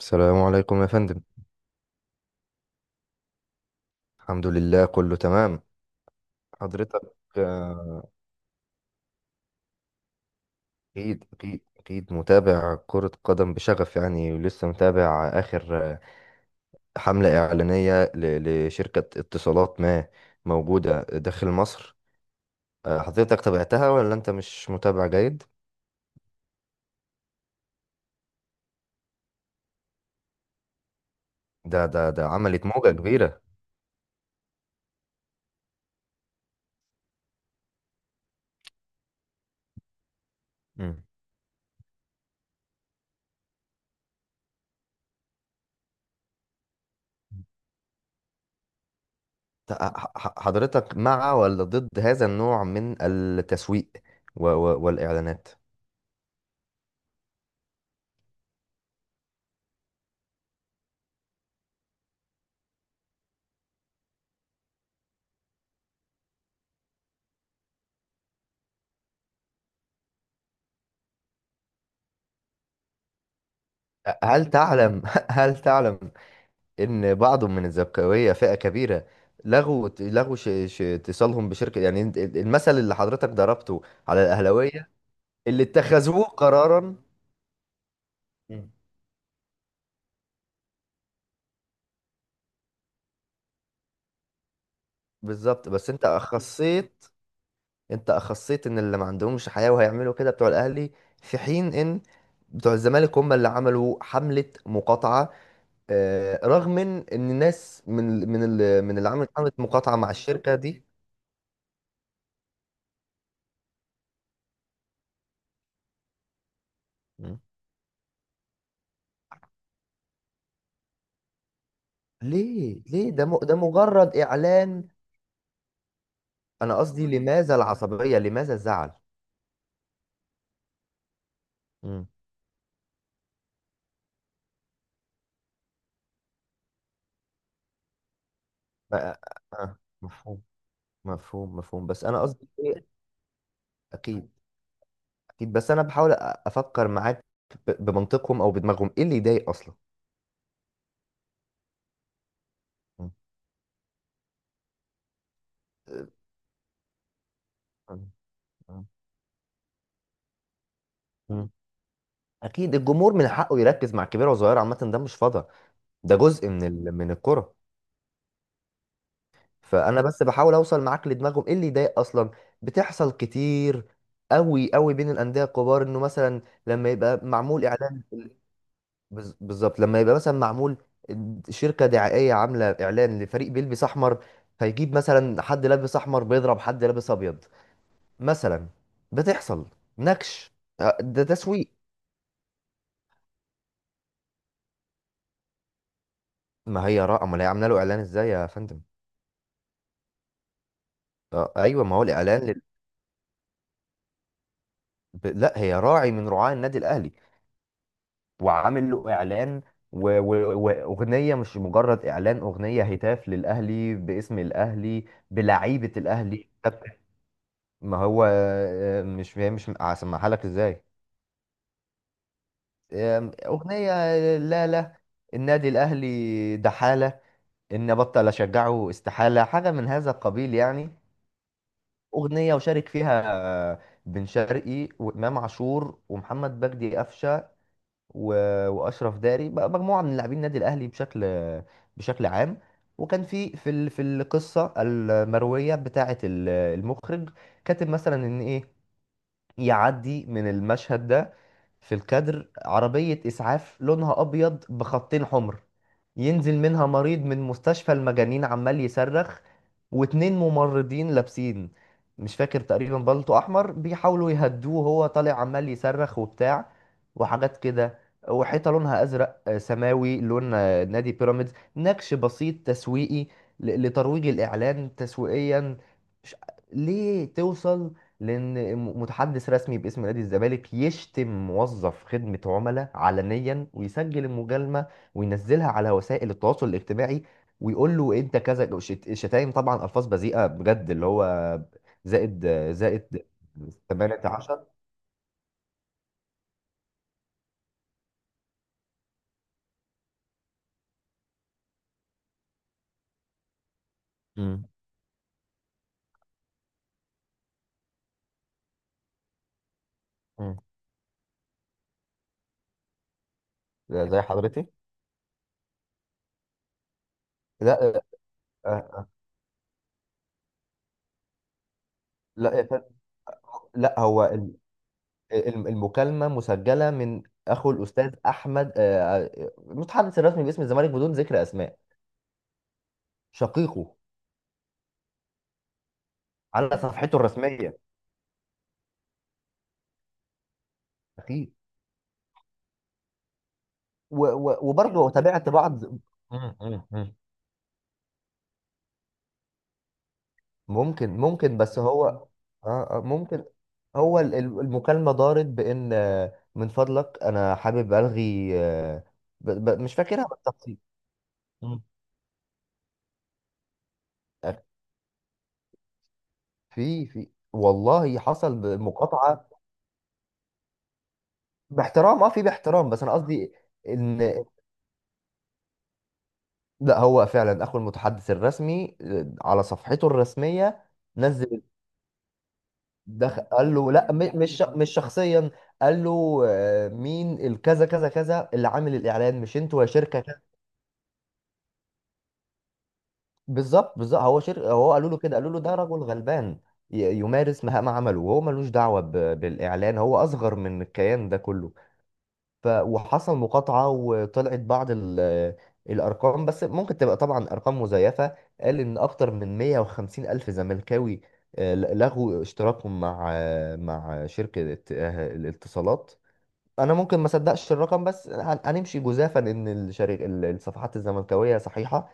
السلام عليكم يا فندم. الحمد لله كله تمام. حضرتك آه، أكيد أكيد متابع كرة قدم بشغف، يعني ولسه متابع آخر حملة إعلانية لشركة اتصالات ما موجودة داخل مصر. حضرتك تابعتها ولا أنت مش متابع جيد؟ ده عملت موجة كبيرة. مم. حضرتك مع ولا ضد هذا النوع من التسويق والإعلانات؟ هل تعلم هل تعلم ان بعض من الزبكاويه فئه كبيره لغوا اتصالهم بشركه، يعني المثل اللي حضرتك ضربته على الاهلاويه اللي اتخذوه قرارا. مم. بالظبط، بس انت اخصيت، انت اخصيت ان اللي ما عندهمش حياه وهيعملوا كده بتوع الاهلي، في حين ان بتوع الزمالك هم اللي عملوا حمله مقاطعه. رغم من ان الناس من اللي عملت حمله مقاطعه مع الشركه دي. مم. ليه ده ده مجرد اعلان. انا قصدي لماذا العصبية؟ لماذا الزعل؟ امم. ف- آه، مفهوم. مفهوم، بس انا قصدي ايه. اكيد، بس انا بحاول افكر معاك بمنطقهم او بدماغهم ايه اللي يضايق اصلا. امم. اكيد الجمهور من حقه يركز مع كبيره وصغيره، عامه ده مش فضا، ده جزء من الكره. فانا بس بحاول اوصل معاك لدماغهم ايه اللي يضايق اصلا. بتحصل كتير قوي قوي بين الانديه الكبار انه مثلا لما يبقى معمول اعلان، بالظبط لما يبقى مثلا معمول شركة دعائية عاملة إعلان لفريق بيلبس أحمر، فيجيب مثلا حد لابس أحمر بيضرب حد لابس أبيض مثلا. بتحصل نكش. ده تسويق. ما هي را، أمال هي عاملة له إعلان إزاي يا فندم؟ أيوه، ما هو الإعلان لل... لا، هي راعي من رعاة النادي الأهلي، وعامل له إعلان وأغنية، مش مجرد إعلان، أغنية هتاف للأهلي باسم الأهلي بلعيبة الأهلي. ما هو مش، هي مش هسمعها لك ازاي. اغنيه. لا لا، النادي الاهلي دحاله ان ابطل اشجعه استحاله، حاجه من هذا القبيل يعني. اغنيه وشارك فيها آه، بن شرقي وامام عاشور ومحمد بجدي قفشه واشرف داري، بقى مجموعه من لاعبين النادي الاهلي بشكل، بشكل عام. وكان في في القصه المرويه بتاعه المخرج كاتب مثلا ان ايه، يعدي من المشهد ده في الكادر عربية إسعاف لونها أبيض بخطين حمر، ينزل منها مريض من مستشفى المجانين عمال يصرخ، واتنين ممرضين لابسين، مش فاكر، تقريبا بلطو أحمر، بيحاولوا يهدوه وهو طالع عمال يصرخ وبتاع وحاجات كده. وحيطة لونها أزرق سماوي، لون نادي بيراميدز، نكش بسيط تسويقي لترويج الإعلان تسويقيا. مش- ليه توصل؟ لان متحدث رسمي باسم نادي الزمالك يشتم موظف خدمة عملاء علنيا، ويسجل المجالمة وينزلها على وسائل التواصل الاجتماعي، ويقول له انت كذا، شتايم طبعا، الفاظ بذيئة بجد، اللي هو زائد، زائد 18. امم. زي حضرتي. لا. آه، لا يا فندم. لا، هو المكالمة مسجلة من اخو الاستاذ احمد، المتحدث الرسمي باسم الزمالك بدون ذكر اسماء. شقيقه على صفحته الرسميه. اكيد. وبرضه تابعت بعض، ممكن، ممكن، بس هو اه، ممكن. هو المكالمة دارت بإن من فضلك أنا حابب ألغي مش فاكرها بالتفصيل. مم. آه، في في والله حصل مقاطعة باحترام، اه في باحترام، بس أنا قصدي إن. لا، هو فعلا أخو المتحدث الرسمي على صفحته الرسمية نزل، دخل، قال له لا، مش شخصيا. قال له مين الكذا كذا كذا اللي عامل الاعلان؟ مش انتوا يا شركه كذا. بالظبط، بالظبط، هو شركه، هو قالوا له كده، قالوا له ده رجل غلبان يمارس مهام عمله وهو ملوش دعوه بالاعلان، هو اصغر من الكيان ده كله. ف وحصل مقاطعه، وطلعت بعض الارقام، بس ممكن تبقى طبعا ارقام مزيفه. قال ان اكتر من 150 الف زملكاوي لغوا اشتراكهم مع، شركه، الاتصالات. انا ممكن ما صدقش الرقم، بس هنمشي جزافا ان الشريك الصفحات الزملكاويه صحيحه،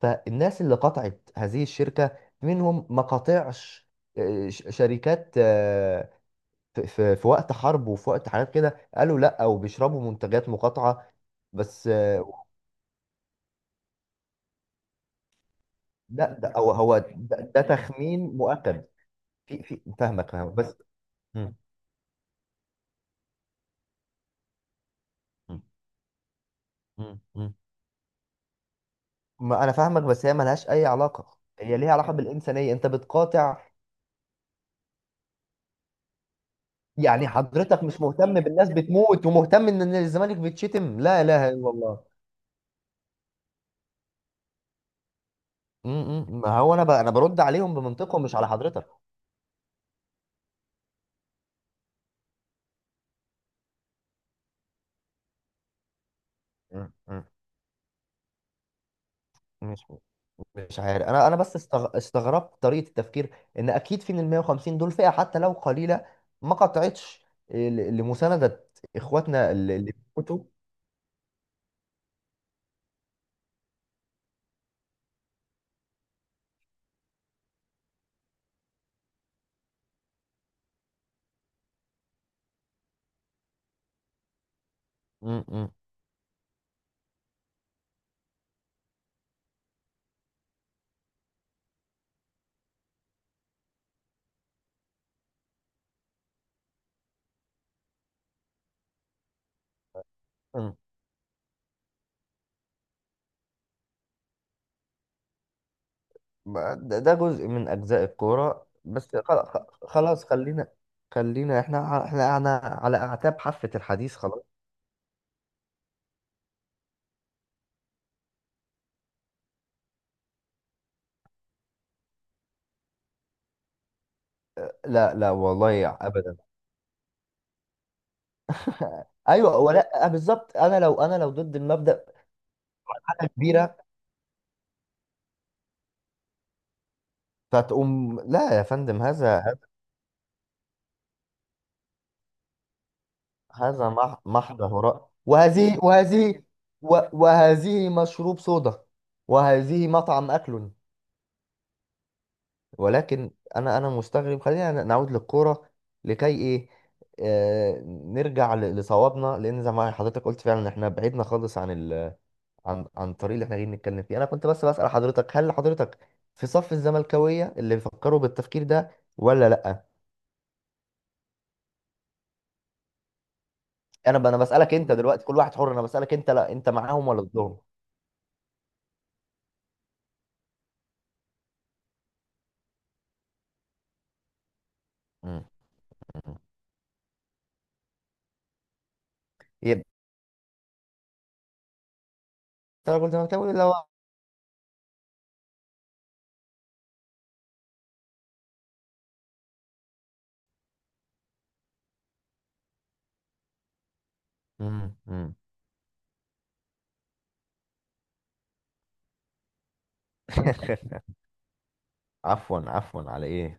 فالناس اللي قطعت هذه الشركه منهم ما قطعش. شركات في في وقت حرب وفي وقت حاجات كده، قالوا لا وبيشربوا منتجات مقاطعه، بس آه. لا ده هو، ده تخمين مؤكد. في في فاهمك، بس. مم. مم. مم. مم. ما انا فاهمك، بس هي ملهاش اي علاقه، هي ليها علاقه بالانسانيه، انت بتقاطع. يعني حضرتك مش مهتم بالناس بتموت، ومهتم ان إن الزمالك بتشتم لا اله الا الله؟ م- ما هو انا انا برد عليهم بمنطقهم مش على حضرتك. م- م- مش مش عارف، انا بس استغربت طريقه التفكير، ان اكيد في من ال 150 دول فئه حتى لو قليله ما قطعتش لمسانده اخواتنا اللي بيموتوا. م- م- م. ده جزء من اجزاء الكوره، بس خلاص خلينا، خلينا، احنا على اعتاب حافه الحديث، خلاص. لا لا، والله ابدا. ايوه، ولا بالظبط، انا لو، انا لو ضد المبدأ حاجه كبيره، فتقوم لا يا فندم. هذا، هذا محض هراء، وهذه، وهذه مشروب صودا، وهذه مطعم اكل. ولكن انا، انا مستغرب. خلينا نعود للكوره، لكي ايه. آه نرجع لصوابنا، لان زي ما حضرتك قلت فعلا احنا بعدنا خالص عن، عن الطريق اللي احنا جايين نتكلم فيه. انا كنت بس بسأل حضرتك هل حضرتك في صف الزملكاوية اللي بيفكروا بالتفكير ده ولا لا؟ انا بسألك انت دلوقتي، كل واحد حر، انا بسألك انت، لا انت معاهم ولا ضدهم؟ مم. مم. يبقى انا كنت زملكاوي، لا هو- مم. مم. عفوا، عفوا على ايه.